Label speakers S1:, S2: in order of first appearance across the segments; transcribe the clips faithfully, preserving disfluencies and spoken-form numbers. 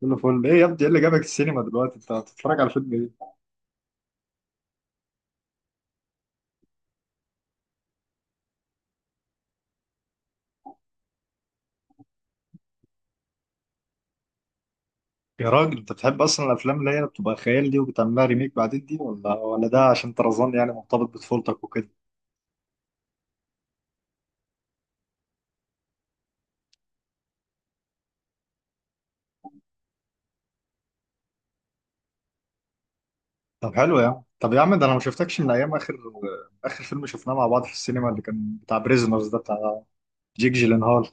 S1: كله فل ايه يا ابني؟ ايه اللي جابك السينما دلوقتي؟ انت بتتفرج على فيلم ايه؟ يا راجل، انت بتحب اصلا الافلام اللي هي بتبقى خيال دي وبتعملها ريميك بعدين دي؟ ولا ولا ده عشان طرزان يعني مرتبط بطفولتك وكده؟ طب حلو يا عم، طب يا عم، ده انا ما شفتكش من ايام اخر اخر فيلم شفناه مع بعض في السينما، اللي كان بتاع بريزنرز ده، بتاع جيك جيلنهال.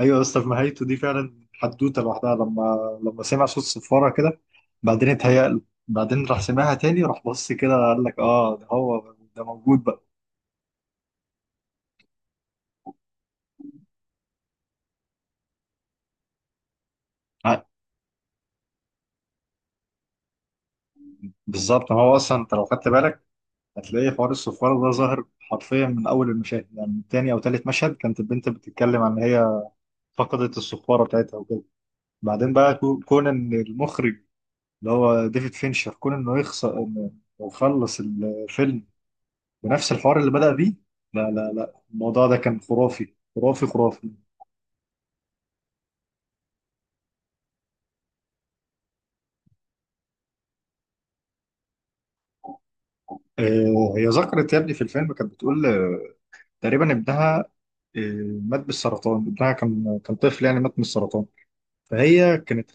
S1: ايوه يا اسطى، في نهايته دي فعلا حدوته لوحدها، لما لما سمع صوت صفاره كده، بعدين اتهيأ له، بعدين راح سمعها تاني، راح بص كده قال لك: اه، ده هو ده موجود بقى. ع- بالظبط. ما هو اصلا انت لو خدت بالك هتلاقي حوار الصفارة ده ظاهر حرفيا من أول المشاهد، يعني من تاني أو تالت مشهد كانت البنت بتتكلم عن إن هي فقدت الصفارة بتاعتها وكده. بعدين بقى كو- كون إن المخرج اللي هو ديفيد فينشر، كون إنه يخسر، إنه يخلص الفيلم بنفس الحوار اللي بدأ بيه. لا لا لا، الموضوع ده كان خرافي خرافي خرافي. آه، هي ذكرت يا ابني في الفيلم، كانت بتقول آه، تقريبا ابنها آه، مات بالسرطان. ابنها كان كان طفل يعني، مات من السرطان، فهي كانت.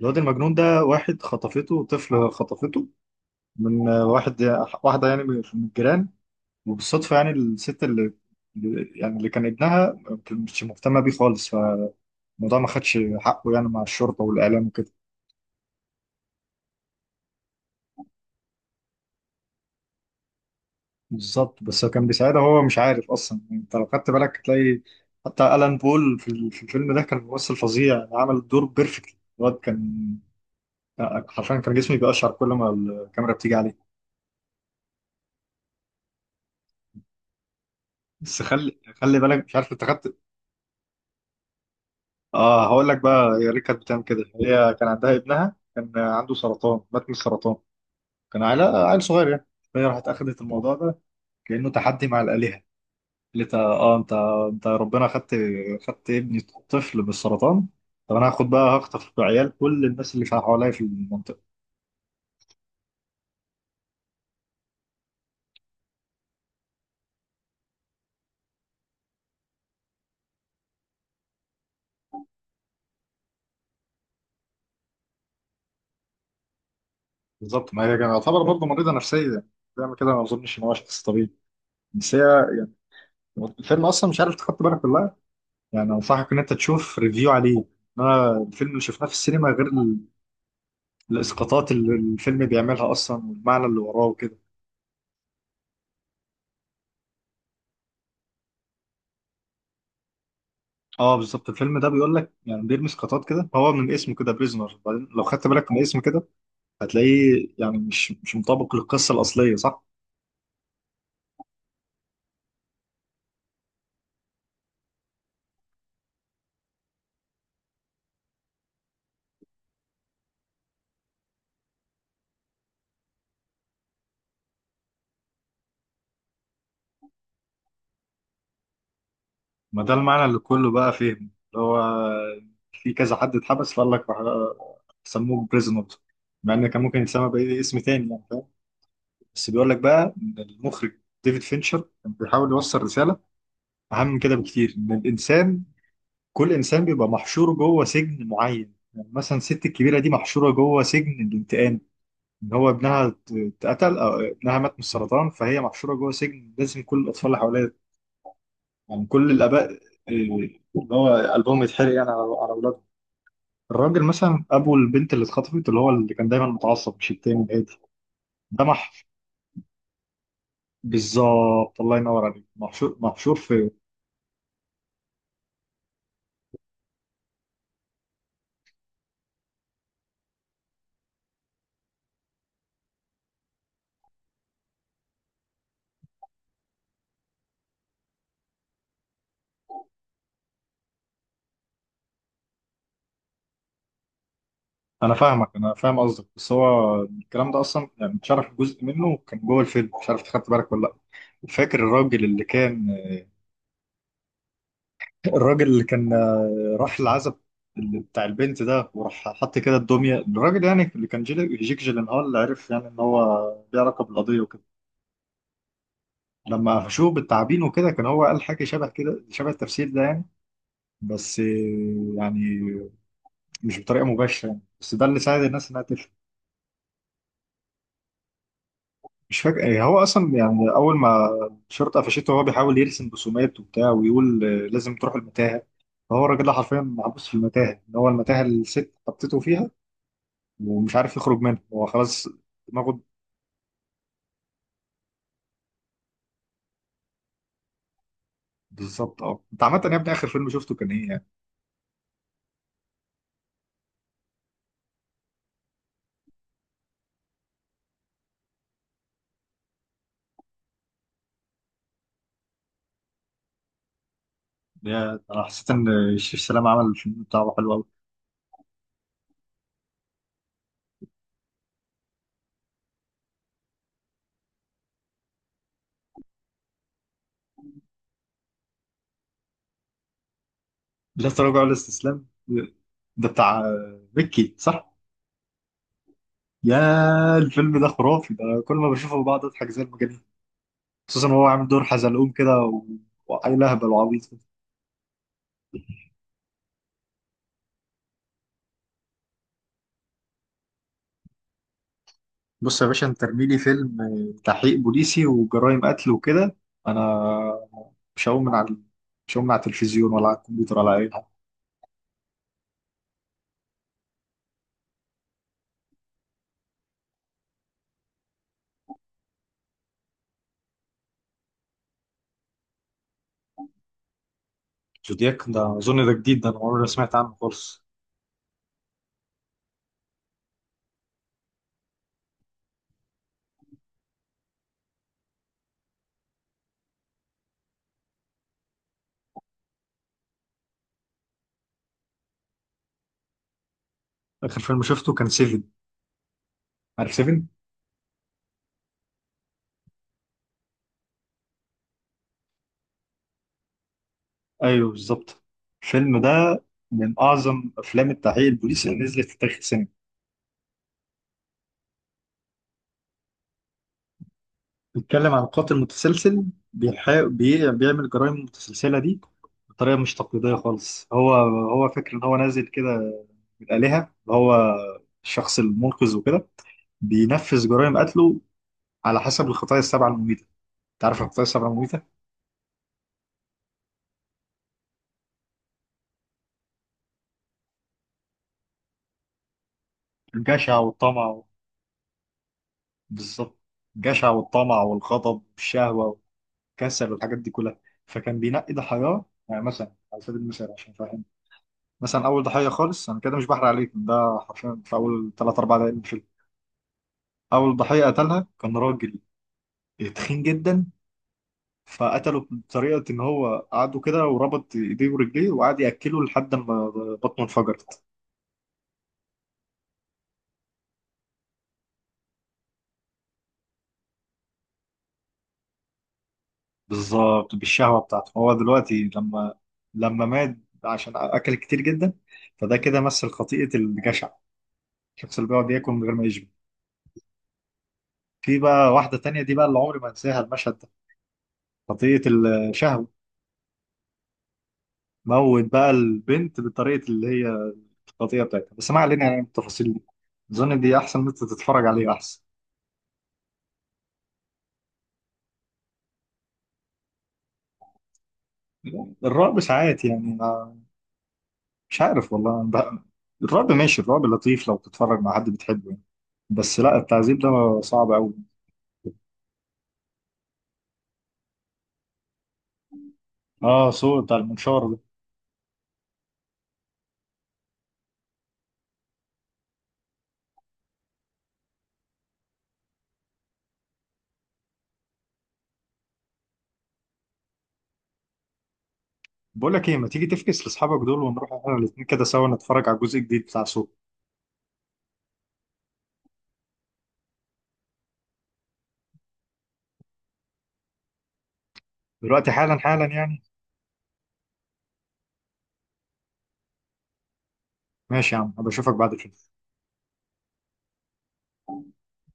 S1: الواد المجنون ده واحد خطفته، طفل خطفته من آه، واحد واحدة يعني، من من الجيران. وبالصدفة يعني الست اللي اللي- يعني اللي كان ابنها مش مهتمة بيه خالص، فالموضوع ما خدش حقه يعني مع الشرطة والإعلام وكده. بالظبط، بس هو كان بيساعدها، هو مش عارف أصلا. أنت لو خدت بالك هتلاقي حتى ألان بول في ال- في الفيلم ده كان ممثل فظيع، عمل الدور بيرفكت. الواد كان حرفيا، كان جسمي بيقشعر كل ما الكاميرا بتيجي عليه. بس خلي خلي بالك، مش عارف انت خدت. اه، هقول لك بقى. هي ليه كانت بتعمل كده؟ هي كان عندها ابنها، كان عنده سرطان، مات من السرطان، كان عيل عيل صغير يعني. فهي راحت اخذت الموضوع ده كانه تحدي مع الالهه. قالت: اه، انت انت يا ربنا خدت خدت ابني، طفل بالسرطان، طب انا هاخد بقى، هخطف بعيال كل الناس اللي في حواليا في المنطقه. بالظبط. ما هي كانت تعتبر برضه مريضه نفسيه يعني، بتعمل كده. ما اظنش ان هو شخص طبيعي، بس هي يعني. الفيلم اصلا مش عارف تحط بالك ولا لا، يعني انصحك ان انت تشوف ريفيو عليه. انا الفيلم اللي شفناه في السينما غير، الاسقاطات اللي الفيلم بيعملها اصلا والمعنى اللي وراه وكده. اه بالظبط، الفيلم ده بيقول لك يعني، بيرمي اسقاطات كده. هو من اسمه كده بريزنر، بعدين لو خدت بالك من اسمه كده هتلاقيه يعني مش مش مطابق للقصه الاصليه، صح؟ ما ده المعنى اللي كله بقى فهم، اللي هو في كذا حد اتحبس فقال لك راح- سموه بريزنر، مع ان كان ممكن يتسمى باي اسم تاني يعني، فاهم. بس بيقول لك بقى ان المخرج ديفيد فينشر كان بيحاول يوصل رساله اهم من كده بكتير، ان الانسان، كل انسان بيبقى محشور جوه سجن معين. يعني مثلا الست الكبيره دي محشوره جوه سجن الانتقام، ان هو ابنها ات- اتقتل او ابنها مات من السرطان، فهي محشوره جوه سجن لازم كل الاطفال اللي حواليها، يعني كل الاباء، آه، اللي هو قلبهم يتحرق يعني على على اولادهم. الراجل مثلا ابو البنت اللي اتخطفت، اللي هو اللي كان دايما متعصب، مش التاني الهادي. ده مح بالظبط، الله ينور عليك، محشور، محشور في. انا فاهمك انا فاهم قصدك، بس هو الكلام ده اصلا يعني اتشرح جزء منه كان جوه الفيلم، مش عارف خدت بالك ولا لا. فاكر الراجل اللي كان آه، الراجل اللي كان آه، راح العزب اللي بتاع البنت ده، وراح حط كده الدميه، الراجل يعني اللي كان جيل- جيك جيلنهال، اللي عرف يعني ان هو ليه علاقه بالقضيه وكده. لما قفشوه بالتعابين وكده، كان هو قال حاجه شبه كده، شبه التفسير ده يعني، بس آه، يعني مش بطريقه مباشره يعني، بس ده اللي ساعد الناس انها تفهم. مش فاكر ايه هو اصلا، يعني اول ما الشرطه قفشته هو بيحاول يرسم رسومات وبتاع ويقول آه، لازم تروح المتاهه. فهو الراجل ده حرفيا محبوس في المتاهه، ان هو المتاهه اللي الست حطيته فيها، ومش عارف يخرج منها، هو خلاص دماغه. بالظبط. اه، انت عامه يا ابني اخر فيلم شفته كان ايه يعني؟ يا- انا حسيت ان الشيف سلام عمل الفيلم بتاعه حلو قوي. لا تراجع ولا استسلام، ده بتاع آه، مكي، صح. يا الفيلم ده خرافي، ده كل ما بشوفه بقعد اضحك زي المجانين، خصوصا وهو عامل دور حزلقوم كده، و- وعيل اهبل وعبيط كده. بص يا باشا، انت ارمي لي فيلم تحقيق بوليسي وجرائم قتل وكده، انا مش هقوم من على مش هقوم من على التلفزيون ولا على الكمبيوتر ولا اي حاجه. زودياك ده اظن ده جديد، ده انا عمري ما سمعت عنه خالص. اخر فيلم شفته كان سيفن. عارف سيفن؟ ايوه بالظبط. الفيلم ده من اعظم افلام التحقيق البوليسي اللي نزلت في تاريخ السينما. بيتكلم عن قاتل متسلسل، بيحا... بي... بيعمل جرائم متسلسلة دي بطريقة مش تقليدية خالص. هو هو فاكر إن هو نازل كده من الآلهة، اللي هو الشخص المنقذ وكده، بينفذ جرائم قتله على حسب الخطايا السبعة المميتة. أنت عارف الخطايا السبعة المميتة؟ الجشع والطمع و. بالظبط، الجشع والطمع والغضب والشهوة والكسل والحاجات دي كلها. فكان بينقي ضحاياه يعني، مثلا على سبيل المثال عشان أفهمك، مثلا اول ضحيه خالص، انا كده مش بحرق عليك، ده حرفيا في اول تلات اربع دقايق من الفيلم. اول ضحيه قتلها كان راجل تخين جدا، فقتله بطريقه ان هو قعده كده وربط ايديه ورجليه وقعد ياكله لحد ما بطنه انفجرت. بالظبط، بالشهوه بتاعته هو. دلوقتي لما لما مات عشان اكل كتير جدا، فده كده مثل خطيئه الجشع، الشخص اللي بيقعد ياكل من غير ما يشبع. في بقى واحده تانية دي بقى اللي عمري ما انساها، المشهد ده خطيئه الشهوه. موت بقى البنت بطريقة اللي هي القضية بتاعتها، بس ما علينا يعني من التفاصيل دي، أظن دي أحسن إن أنت تتفرج عليه أحسن. الرعب ساعات يعني، ما مش عارف والله بقى. الرعب ماشي، الرعب لطيف لو تتفرج مع حد بتحبه يعني، بس لا، التعذيب ده صعب أوي. آه، صوت بتاع المنشار ده. بقول لك إيه، ما تيجي تفكس لأصحابك دول ونروح إحنا الاتنين كده سوا نتفرج على الجزء الجديد بتاع سوق. دلوقتي حالا، حالا يعني. ماشي يا عم، أبقى أشوفك بعد كده.